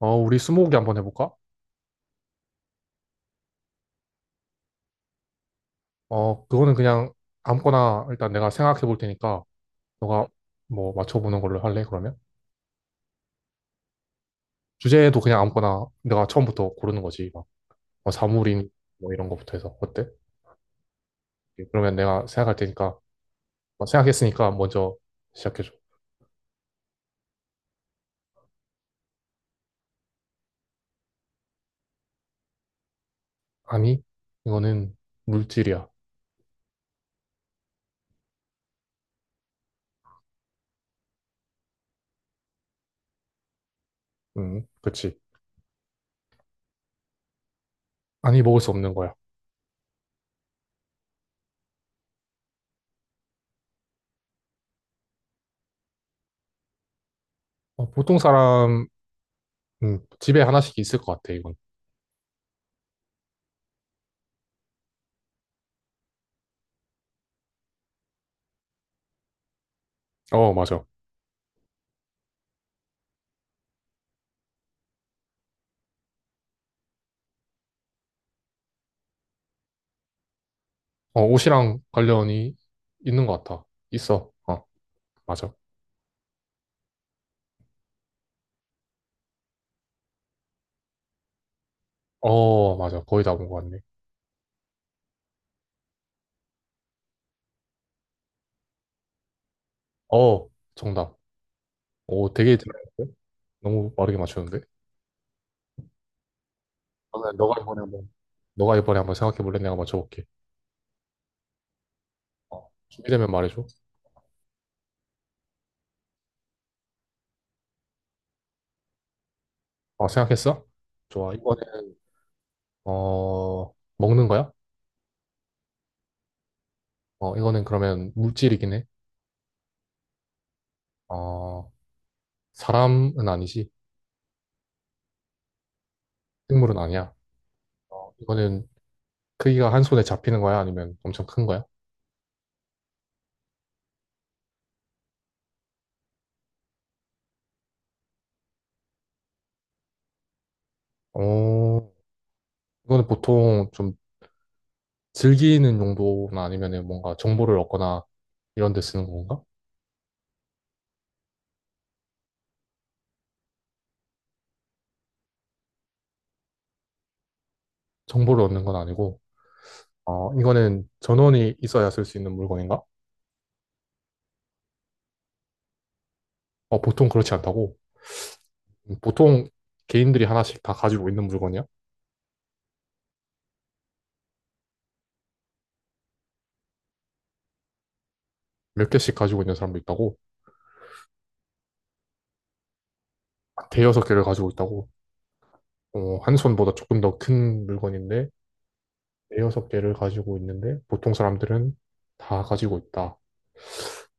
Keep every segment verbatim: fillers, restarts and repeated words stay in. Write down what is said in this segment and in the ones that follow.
어, 우리 스무고개 한번 해볼까? 어, 그거는 그냥 아무거나 일단 내가 생각해 볼 테니까 너가 뭐 맞춰보는 걸로 할래, 그러면? 주제도 그냥 아무거나 내가 처음부터 고르는 거지. 막, 뭐 사물인 뭐 이런 거부터 해서. 어때? 그러면 내가 생각할 테니까, 뭐 생각했으니까 먼저 시작해줘. 아니, 이거는 물질이야. 음, 그치. 아니, 먹을 수 없는 거야. 어, 보통 사람, 음, 집에 하나씩 있을 것 같아, 이건. 어, 맞아. 어, 옷이랑 관련이 있는 것 같아. 있어. 어, 맞아. 어, 맞아. 거의 다 본 것 같네. 어, 정답. 오, 되게 잘하는데? 너무 빠르게 맞추는데? 그러면 너가 이번에 한번, 너가 이번에 한번 생각해볼래? 내가 맞춰볼게. 어, 준비되면 말해줘. 어, 생각했어? 좋아. 이거는, 어, 먹는 거야? 어, 이거는 그러면 물질이긴 해. 어, 사람은 아니지. 생물은 아니야. 어, 이거는 크기가 한 손에 잡히는 거야? 아니면 엄청 큰 거야? 어, 이거는 보통 좀 즐기는 용도나 아니면은 뭔가 정보를 얻거나 이런 데 쓰는 건가? 정보를 얻는 건 아니고, 어, 이거는 전원이 있어야 쓸 수 있는 물건인가? 어, 보통 그렇지 않다고. 음, 보통 개인들이 하나씩 다 가지고 있는 물건이야? 몇 개씩 가지고 있는 사람도 있다고? 대여섯 개를 가지고 있다고? 어, 한 손보다 조금 더 큰 물건인데, 대여섯 개를 가지고 있는데, 보통 사람들은 다 가지고 있다.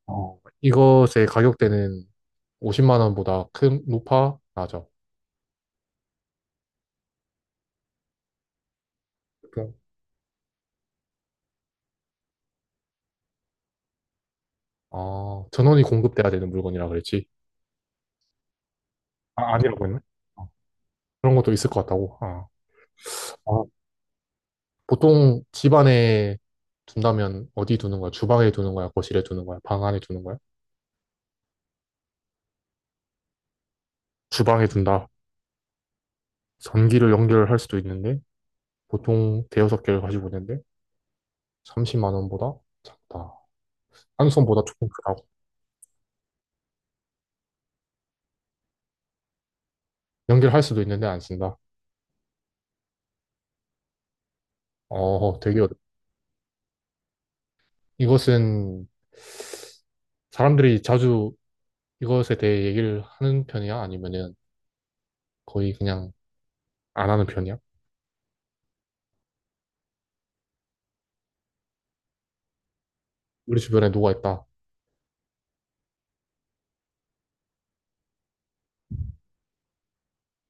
어, 이것의 가격대는 오십만 원보다 큰, 높아, 낮아. 보통. 아, 전원이 공급돼야 되는 물건이라 그랬지. 아, 아니라고 했네. 어, 그런 것도 있을 것 같다고. 아. 아, 보통 집 안에 둔다면 어디 두는 거야? 주방에 두는 거야? 거실에 두는 거야? 방 안에 두는 거야? 주방에 둔다. 전기를 연결할 수도 있는데 보통 대여섯 개를 가지고 있는데 삼십만 원보다 작다. 한 손보다 조금 크다고. 연결할 수도 있는데 안 쓴다. 어, 되게 어렵. 이것은 사람들이 자주 이것에 대해 얘기를 하는 편이야? 아니면은 거의 그냥 안 하는 편이야? 우리 주변에 누가 있다.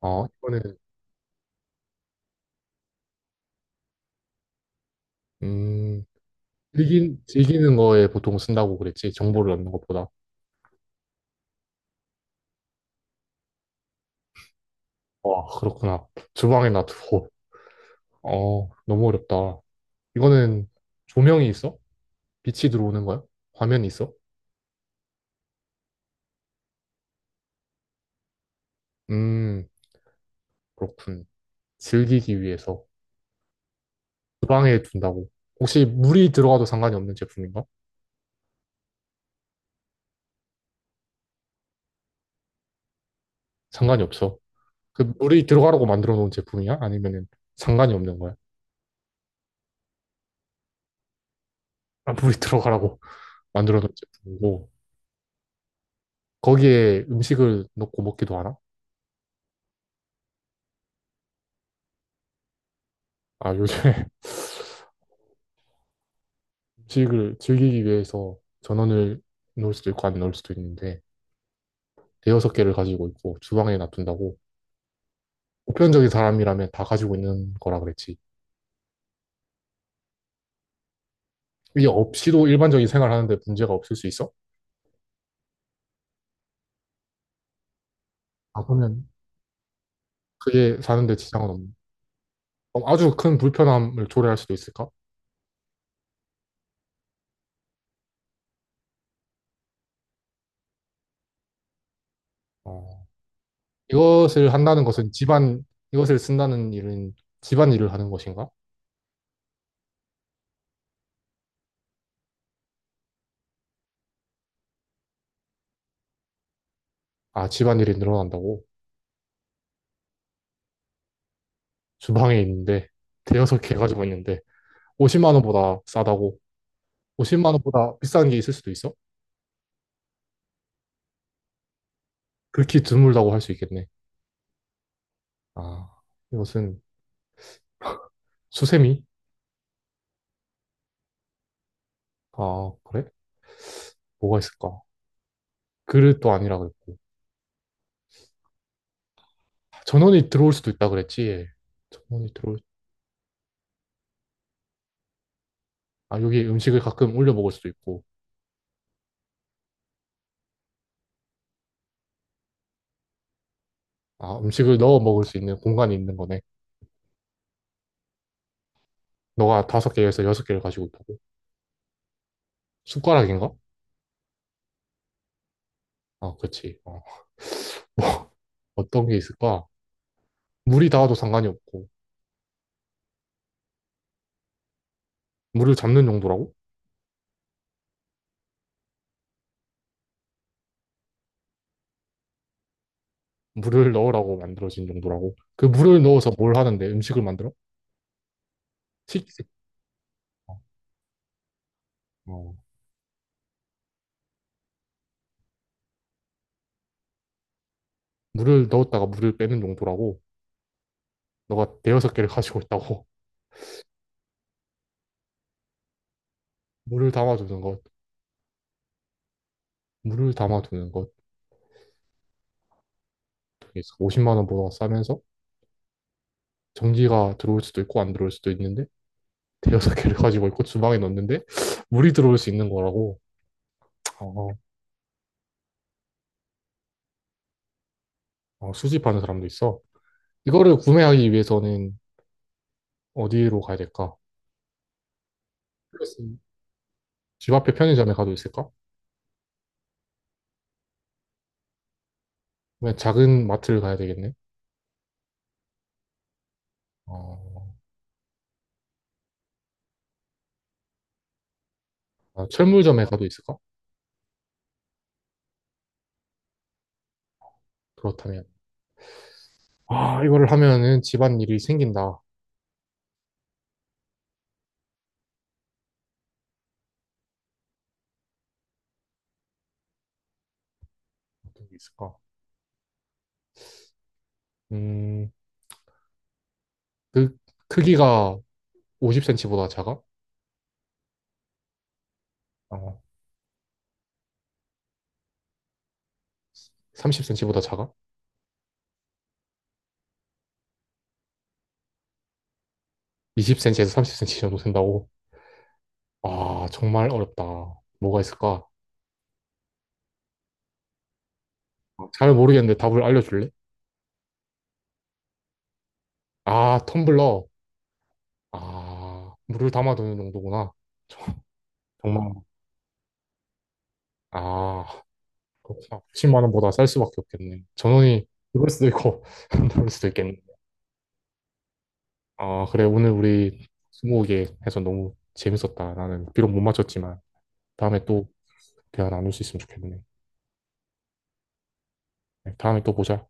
어, 이거는 음, 즐긴, 즐기는 거에 보통 쓴다고 그랬지. 정보를 얻는 것보다. 와, 그렇구나. 주방에 놔두고. 어, 너무 어렵다. 이거는 조명이 있어? 빛이 들어오는 거야? 화면이 있어? 음, 그렇군. 즐기기 위해서 주방에 둔다고. 혹시 물이 들어가도 상관이 없는 제품인가? 상관이 없어. 그 물이 들어가라고 만들어 놓은 제품이야? 아니면은 상관이 없는 거야? 아, 물이 들어가라고 만들어 놓은 제품이고. 거기에 음식을 넣고 먹기도 하나? 아, 요즘에 음식을 즐기기 위해서 전원을 넣을 수도 있고 안 넣을 수도 있는데. 대여섯 개를 가지고 있고 주방에 놔둔다고 보편적인 사람이라면 다 가지고 있는 거라 그랬지. 이게 없이도 일반적인 생활하는데 문제가 없을 수 있어? 아, 그러면 그게 사는데 지장은 없네. 그럼 아주 큰 불편함을 초래할 수도 있을까? 어. 이것을 한다는 것은 집안, 이것을 쓴다는 일은 집안일을 하는 것인가? 아, 집안일이 늘어난다고? 주방에 있는데, 대여섯 개 가지고 있는데, 오십만 원보다 싸다고? 오십만 원보다 비싼 게 있을 수도 있어? 극히 드물다고 할 수 있겠네. 아, 이것은 수세미? 아, 그래? 뭐가 있을까? 그릇도 아니라 그랬고. 전원이 들어올 수도 있다 그랬지. 예. 전원이 들어올, 아, 여기 음식을 가끔 올려 먹을 수도 있고. 아, 음식을 넣어 먹을 수 있는 공간이 있는 거네. 너가 다섯 개에서 여섯 개를 가지고 있다고? 숟가락인가? 아, 그렇지. 어. 어떤 게 있을까? 물이 닿아도 상관이 없고. 물을 잡는 용도라고? 물을 넣으라고 만들어진 용도라고? 그 물을 넣어서 뭘 하는데? 음식을 만들어? 식식. 어. 물을 넣었다가 물을 빼는 용도라고? 너가 대여섯 개를 가지고 있다고? 물을 담아주는 것. 물을 담아두는 것 그게 오십만 원보다 싸면서 전기가 들어올 수도 있고 안 들어올 수도 있는데 대여섯 개를 가지고 있고 주방에 넣는데 물이 들어올 수 있는 거라고 어, 어, 어, 수집하는 사람도 있어. 이거를 구매하기 위해서는 어디로 가야 될까? 글쎄, 집 앞에 편의점에 가도 있을까? 그냥 작은 마트를 가야 되겠네. 어, 아, 철물점에 가도 있을까? 그렇다면 아 이거를 하면은 집안일이 생긴다. 어떤 게 있을까? 음, 그 크기가 오십 센티미터보다 작아? 어, 삼십 센티미터보다 작아? 이십 센티미터에서 삼십 센티미터 정도 된다고? 아, 정말 어렵다. 뭐가 있을까? 어, 잘 모르겠는데 답을 알려줄래? 아, 텀블러. 아, 물을 담아두는 정도구나. 정- 정말. 아, 그렇구나. 십만 원보다 쌀 수밖에 없겠네. 전원이 그럴 수도 있고, 안 나올 수도 있겠네. 아, 그래. 오늘 우리 스무고개 해서 너무 재밌었다. 나는 비록 못 맞췄지만 다음에 또 대화 나눌 수 있으면 좋겠네. 네, 다음에 또 보자.